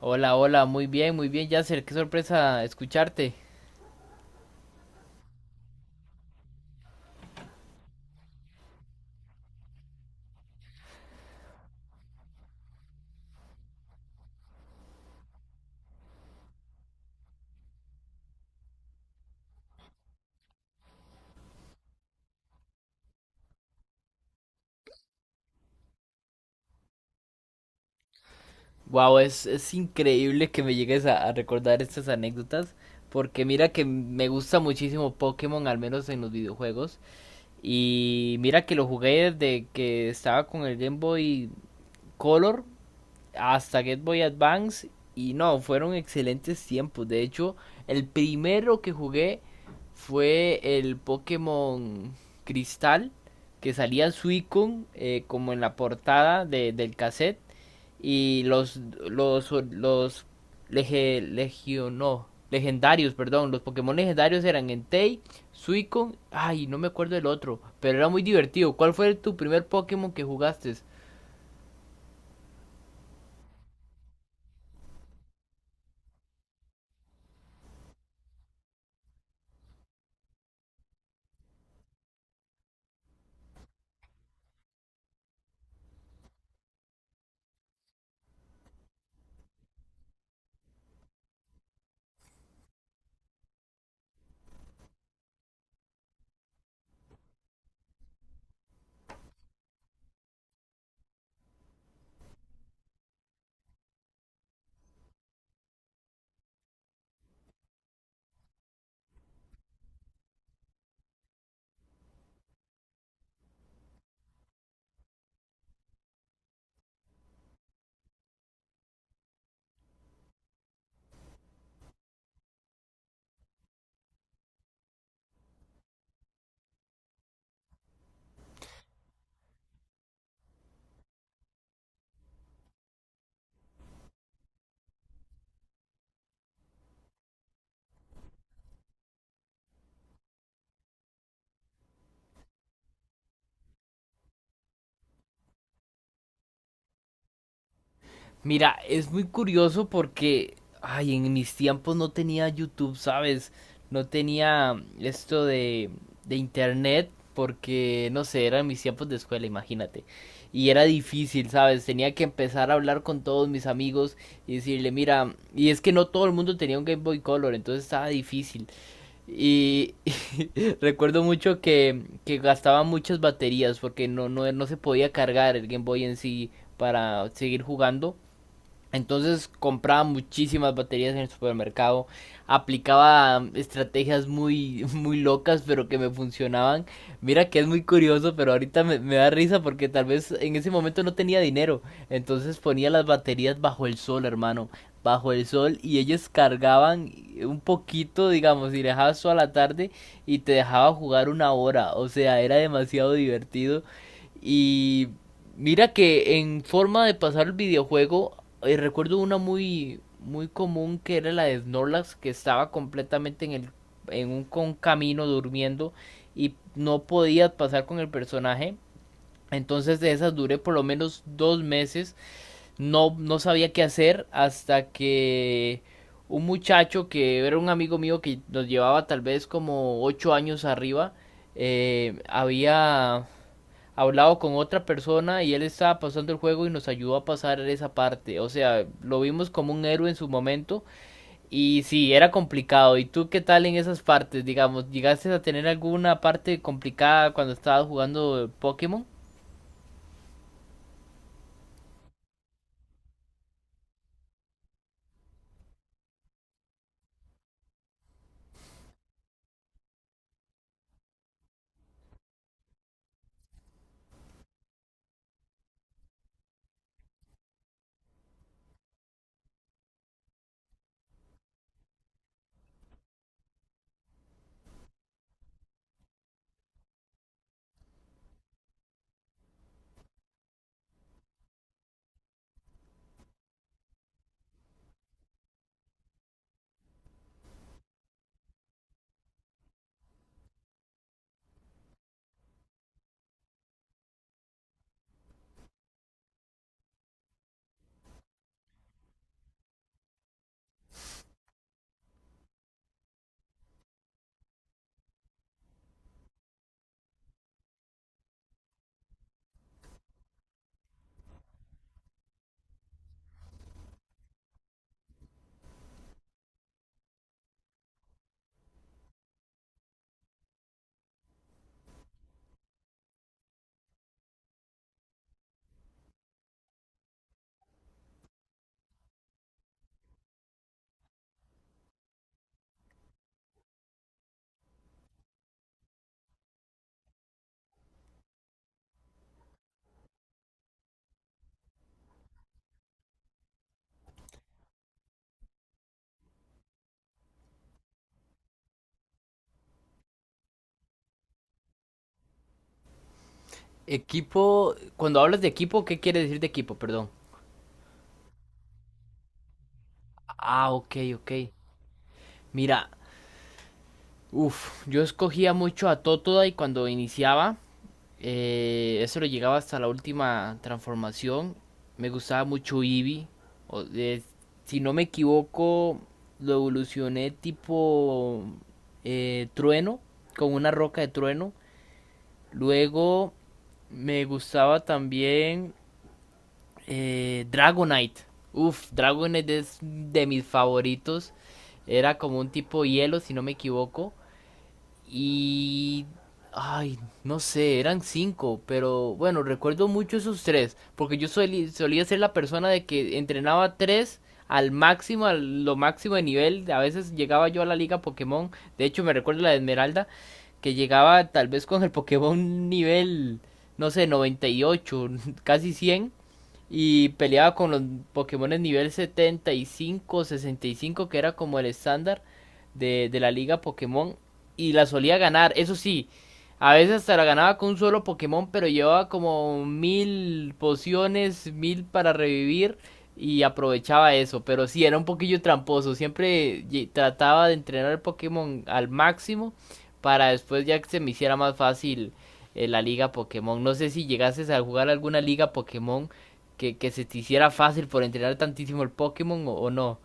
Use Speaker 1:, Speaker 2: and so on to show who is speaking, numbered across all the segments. Speaker 1: Hola, hola, muy bien, Yasser, qué sorpresa escucharte. Wow, es increíble que me llegues a recordar estas anécdotas, porque mira que me gusta muchísimo Pokémon, al menos en los videojuegos, y mira que lo jugué desde que estaba con el Game Boy Color hasta Get Boy Advance y no, fueron excelentes tiempos. De hecho, el primero que jugué fue el Pokémon Cristal, que salía Suicune como en la portada del cassette y los lege- legio- no, legendarios, perdón, los Pokémon legendarios eran Entei, Suicune, ay, no me acuerdo del otro, pero era muy divertido. ¿Cuál fue tu primer Pokémon que jugaste? Mira, es muy curioso porque, ay, en mis tiempos no tenía YouTube, ¿sabes? No tenía esto de internet porque, no sé, eran mis tiempos de escuela, imagínate. Y era difícil, ¿sabes? Tenía que empezar a hablar con todos mis amigos y decirle, mira, y es que no todo el mundo tenía un Game Boy Color, entonces estaba difícil. Y recuerdo mucho que gastaba muchas baterías porque no se podía cargar el Game Boy en sí para seguir jugando entonces compraba muchísimas baterías en el supermercado, aplicaba estrategias muy, muy locas, pero que me funcionaban. Mira que es muy curioso, pero ahorita me da risa porque tal vez en ese momento no tenía dinero. Entonces ponía las baterías bajo el sol, hermano, bajo el sol, y ellas cargaban un poquito, digamos, y dejabas toda la tarde y te dejaba jugar una hora. O sea, era demasiado divertido. Y mira que en forma de pasar el videojuego, recuerdo una muy, muy común que era la de Snorlax, que estaba completamente en en un con camino durmiendo y no podías pasar con el personaje. Entonces de esas duré por lo menos 2 meses. No sabía qué hacer hasta que un muchacho que era un amigo mío que nos llevaba tal vez como 8 años arriba, había hablado con otra persona y él estaba pasando el juego y nos ayudó a pasar esa parte. O sea, lo vimos como un héroe en su momento y sí, era complicado. ¿Y tú qué tal en esas partes? Digamos, ¿llegaste a tener alguna parte complicada cuando estabas jugando Pokémon? Equipo, cuando hablas de equipo, ¿qué quiere decir de equipo? Perdón. Ah, ok, ok. Mira, uff, yo escogía mucho a Totodile cuando iniciaba. Eso lo llegaba hasta la última transformación. Me gustaba mucho Eevee. O- eh, si no me equivoco, lo evolucioné tipo trueno, con una roca de trueno. Luego me gustaba también Dragonite. Uf, Dragonite es de mis favoritos. Era como un tipo hielo, si no me equivoco. Y ay, no sé, eran cinco, pero bueno, recuerdo mucho esos tres, porque yo solía ser la persona de que entrenaba tres al máximo, a lo máximo de nivel, a veces llegaba yo a la liga Pokémon, de hecho me recuerdo la de Esmeralda, que llegaba tal vez con el Pokémon nivel, no sé, 98, casi 100, y peleaba con los Pokémon en nivel 75 o 65, que era como el estándar de la liga Pokémon, y la solía ganar, eso sí. A veces hasta la ganaba con un solo Pokémon, pero llevaba como mil pociones, mil para revivir y aprovechaba eso. Pero sí, era un poquillo tramposo. Siempre trataba de entrenar el Pokémon al máximo para después ya que se me hiciera más fácil la liga Pokémon. No sé si llegases a jugar alguna liga Pokémon que se te hiciera fácil por entrenar tantísimo el Pokémon o no.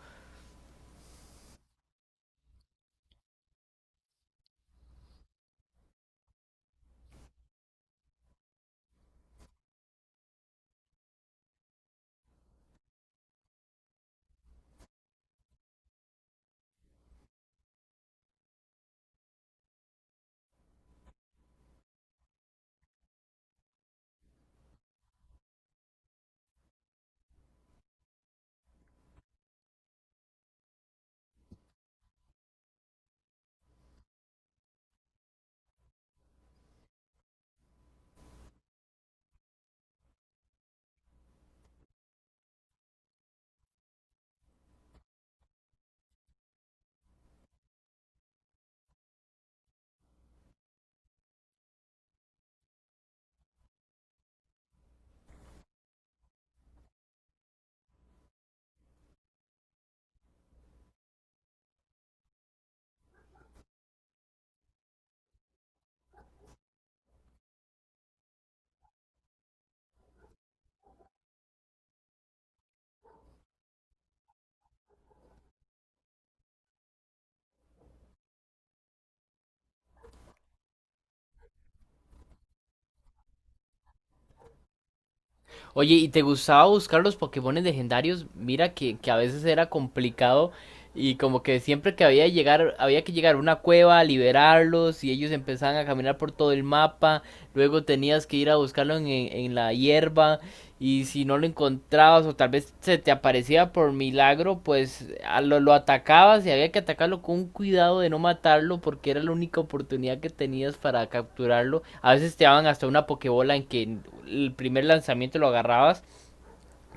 Speaker 1: Oye, ¿y te gustaba buscar los Pokémon legendarios? Mira que a veces era complicado y como que siempre que había, llegar, había que llegar a una cueva a liberarlos y ellos empezaban a caminar por todo el mapa, luego tenías que ir a buscarlos en la hierba. Y si no lo encontrabas o tal vez se te aparecía por milagro, pues a lo atacabas y había que atacarlo con un cuidado de no matarlo porque era la única oportunidad que tenías para capturarlo. A veces te daban hasta una pokebola en que el primer lanzamiento lo agarrabas,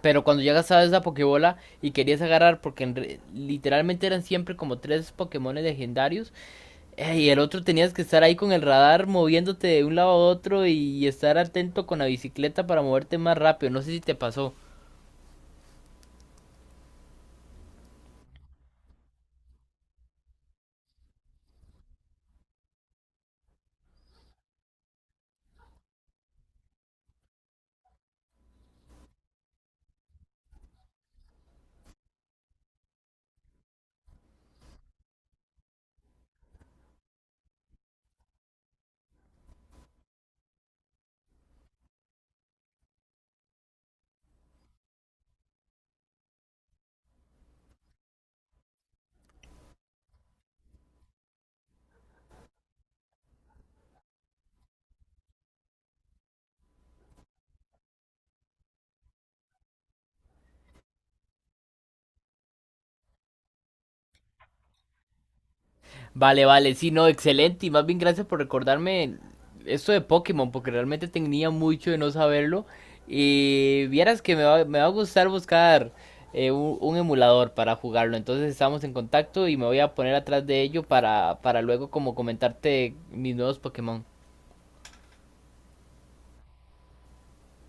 Speaker 1: pero cuando ya gastabas esa pokebola y querías agarrar porque en literalmente eran siempre como tres pokémones legendarios y el otro tenías que estar ahí con el radar moviéndote de un lado a otro y estar atento con la bicicleta para moverte más rápido. No sé si te pasó. Vale, vale, sí, no, excelente. Y más bien gracias por recordarme esto de Pokémon, porque realmente tenía mucho de no saberlo. Y vieras que me va a gustar buscar un emulador para jugarlo. Entonces estamos en contacto y me voy a poner atrás de ello para luego como comentarte mis nuevos Pokémon.